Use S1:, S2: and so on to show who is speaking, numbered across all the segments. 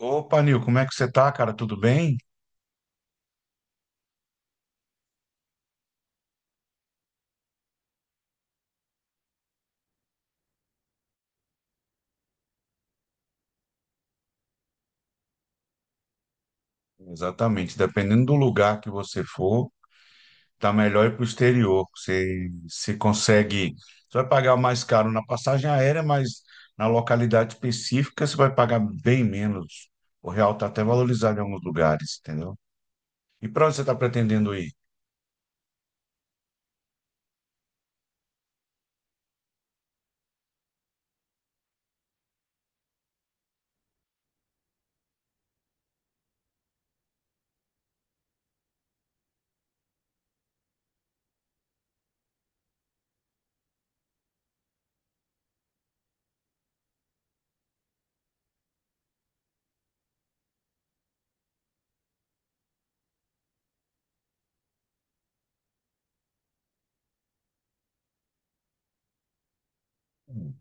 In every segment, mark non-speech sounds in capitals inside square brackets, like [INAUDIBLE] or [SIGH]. S1: Opa, Nil, como é que você tá, cara? Tudo bem? Exatamente. Dependendo do lugar que você for, tá melhor ir para o exterior. Você se consegue. Você vai pagar mais caro na passagem aérea, mas na localidade específica você vai pagar bem menos. O real tá até valorizado em alguns lugares, entendeu? E para onde você está pretendendo ir?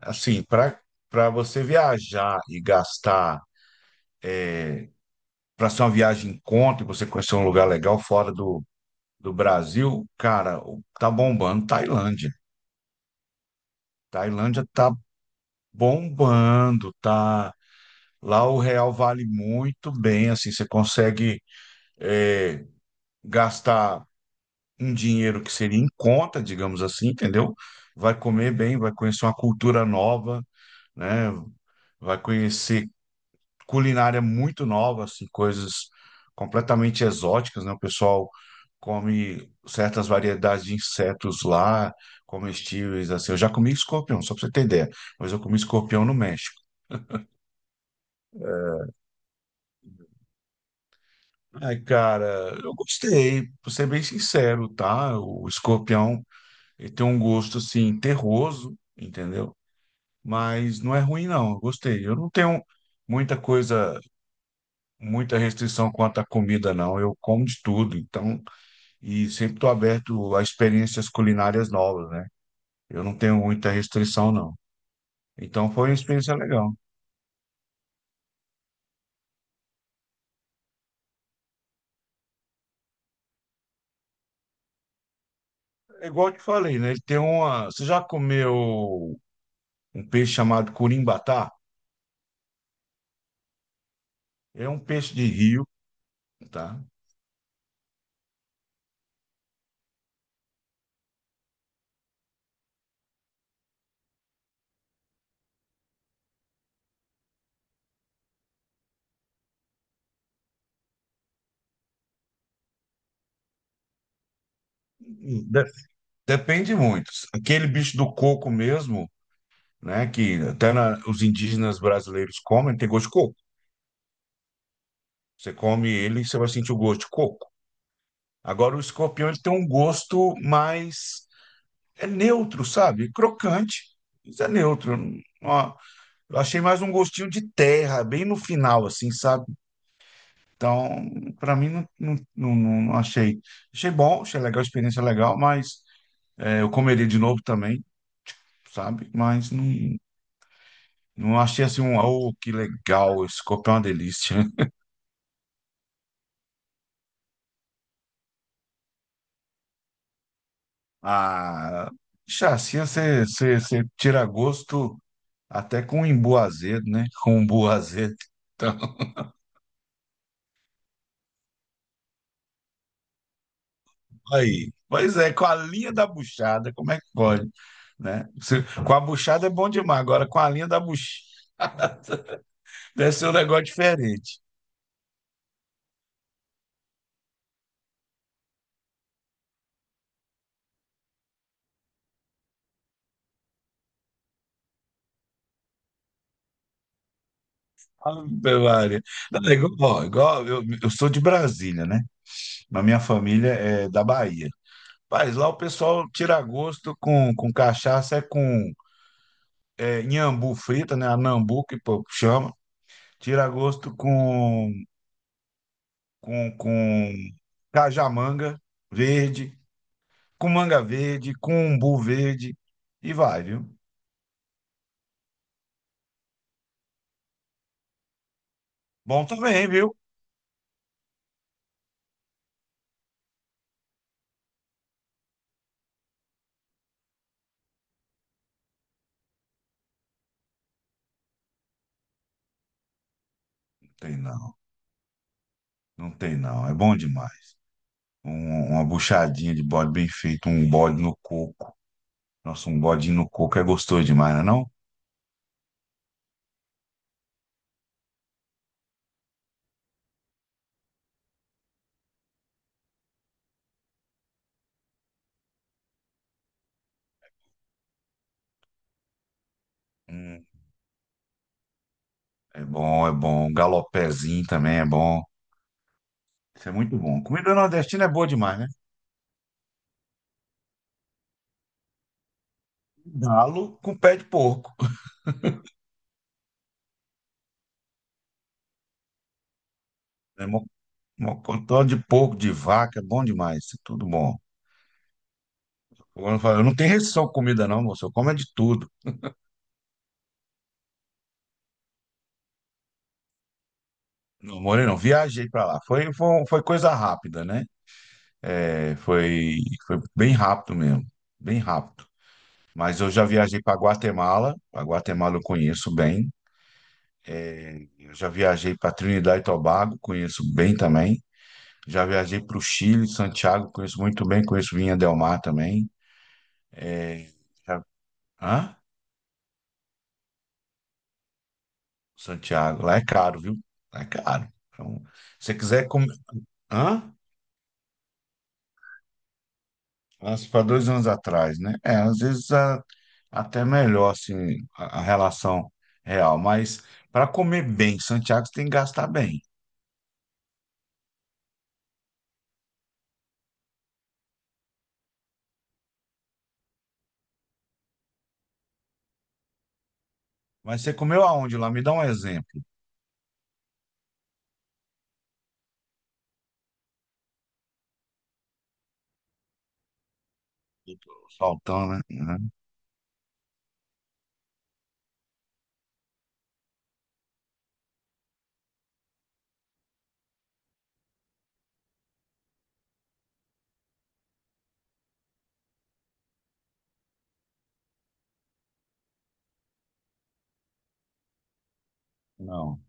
S1: Assim, para você viajar e gastar, para ser uma viagem em conta e você conhecer um lugar legal fora do Brasil, cara, tá bombando Tailândia. Tailândia tá bombando, tá. Lá o real vale muito bem, assim, você consegue é, gastar um dinheiro que seria em conta, digamos assim, entendeu? Vai comer bem, vai conhecer uma cultura nova, né? Vai conhecer culinária muito nova, assim, coisas completamente exóticas, né? O pessoal come certas variedades de insetos lá, comestíveis, assim. Eu já comi escorpião, só para você ter ideia, mas eu comi escorpião no México. Ai, cara, eu gostei, pra ser bem sincero, tá? O Escorpião, ele tem um gosto, assim, terroso, entendeu? Mas não é ruim, não, eu gostei. Eu não tenho muita coisa, muita restrição quanto à comida, não. Eu como de tudo, então, e sempre estou aberto a experiências culinárias novas, né? Eu não tenho muita restrição, não. Então, foi uma experiência legal. É igual eu te falei, né? Você já comeu um peixe chamado curimbatá? É um peixe de rio, tá? De- Depende muito. Aquele bicho do coco mesmo, né? Que até os indígenas brasileiros comem, tem gosto de coco. Você come ele, você vai sentir o gosto de coco. Agora, o escorpião, ele tem um gosto mais, é neutro, sabe? Crocante, mas é neutro. Ó, eu achei mais um gostinho de terra, bem no final, assim, sabe? Então, para mim, não, não, não, não achei. Achei bom, achei legal, a experiência é legal, mas eu comeria de novo também, sabe? Mas não. Não achei assim um, oh, que legal, esse copo é uma delícia. [LAUGHS] Ah, chassi, você tira gosto até com imbu azedo, né? [LAUGHS] Com umbu azedo. Então, aí. Pois é, com a linha da buchada, como é que pode, né? Com a buchada é bom demais, agora com a linha da buchada deve ser um negócio diferente. Ave Maria. Não, é igual, ó, igual eu sou de Brasília, né? Mas minha família é da Bahia. Rapaz, lá o pessoal tira gosto com cachaça, é com nhambu frita, né? A nambu que o povo chama. Tira gosto com cajamanga verde, com manga verde, com umbu verde. E vai, viu? Bom também, viu? Não tem não, não tem não. É bom demais. Uma buchadinha de bode bem feito, um bode no coco. Nossa, um bodinho no coco é gostoso demais, não é não? Hum, é bom, é bom. Um galopézinho também é bom. Isso é muito bom. Comida nordestina é boa demais, né? Galo com pé de porco. Né? Mocotó de porco, de vaca, é bom demais. Isso é tudo bom. Eu não tenho restrição com comida, não, moço. Eu como é de tudo. Não, Moreno, viajei pra lá. Foi coisa rápida, né? É, foi bem rápido mesmo. Bem rápido. Mas eu já viajei para Guatemala. A Guatemala eu conheço bem. É, eu já viajei para Trinidad e Tobago, conheço bem também. Já viajei para o Chile, Santiago, conheço muito bem, conheço Vinha Del Mar também. Já- Hã? Santiago, lá é caro, viu? Lá é caro. Então, se você quiser comer. Hã? Para dois anos atrás, né? É, às vezes até melhor, assim, a relação real. Mas para comer bem, em Santiago, você tem que gastar bem. Mas você comeu aonde lá? Me dá um exemplo. Eu tô saltando, né? Uhum. Não.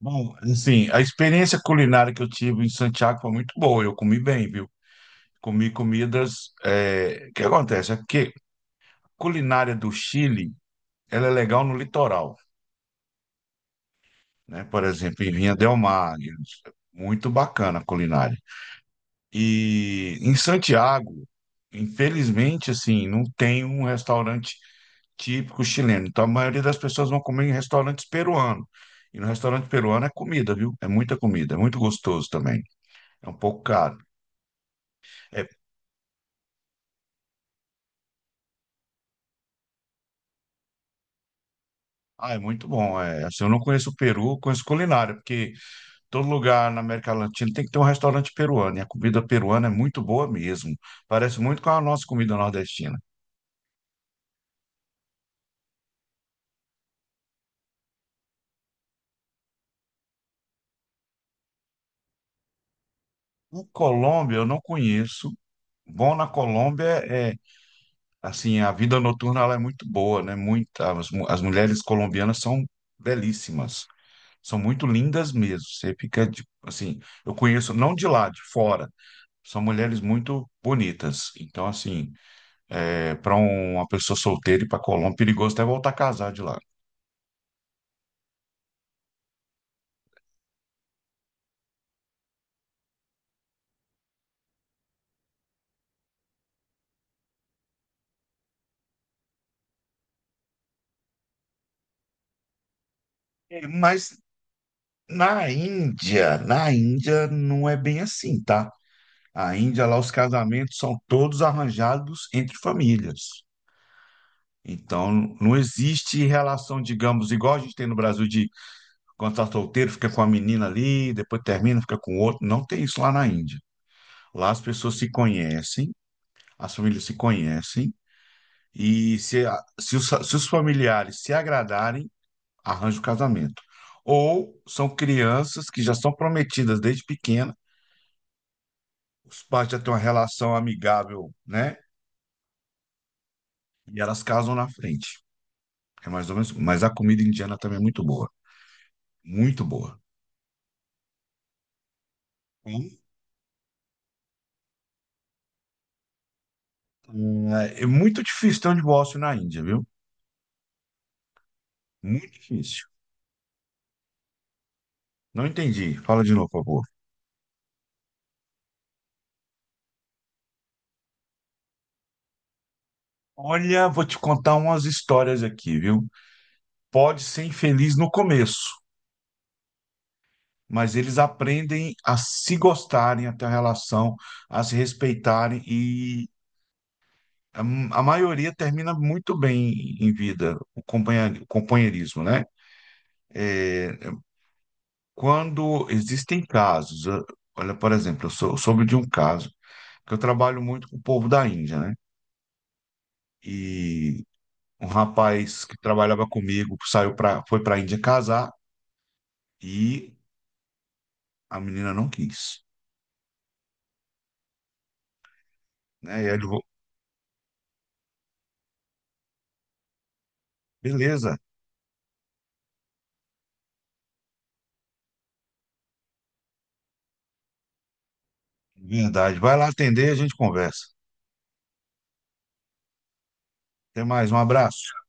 S1: Bom, assim, a experiência culinária que eu tive em Santiago foi muito boa. Eu comi bem, viu? Comi comidas. O que acontece? É que culinária do Chile, ela é legal no litoral, né? Por exemplo, em Vinha del Mar, muito bacana a culinária. E em Santiago, infelizmente, assim, não tem um restaurante típico chileno. Então, a maioria das pessoas vão comer em restaurantes peruanos. E no restaurante peruano é comida, viu? É muita comida, é muito gostoso também. É um pouco caro. É, ah, é muito bom. É, assim, eu não conheço o Peru, eu conheço culinária, porque todo lugar na América Latina tem que ter um restaurante peruano, e a comida peruana é muito boa mesmo. Parece muito com a nossa comida nordestina. O Colômbia eu não conheço. Bom na Colômbia é, assim, a vida noturna ela é muito boa, né? As mulheres colombianas são belíssimas, são muito lindas mesmo. Você fica, assim, eu conheço não de lá, de fora. São mulheres muito bonitas. Então, assim, para uma pessoa solteira ir para Colômbia, é perigoso até voltar a casar de lá. É, mas na Índia não é bem assim, tá? A Índia lá os casamentos são todos arranjados entre famílias. Então não existe relação, digamos, igual a gente tem no Brasil de quando tá solteiro fica com a menina ali, depois termina, fica com outro. Não tem isso lá na Índia. Lá as pessoas se conhecem, as famílias se conhecem e se os familiares se agradarem, arranja o casamento. Ou são crianças que já são prometidas desde pequena, os pais já têm uma relação amigável, né? E elas casam na frente. É mais ou menos. Mas a comida indiana também é muito boa. Muito boa. Hum, é muito difícil ter um divórcio na Índia, viu? Muito difícil. Não entendi. Fala de novo, por favor. Olha, vou te contar umas histórias aqui, viu? Pode ser infeliz no começo, mas eles aprendem a se gostarem, a ter uma relação, a se respeitarem e a maioria termina muito bem em vida, o companheirismo, né? Quando existem casos, olha, por exemplo, eu soube de um caso que eu trabalho muito com o povo da Índia, né? E um rapaz que trabalhava comigo foi para a Índia casar e a menina não quis, né? E aí ele falou, beleza, verdade, vai lá atender, e a gente conversa. Até mais, um abraço.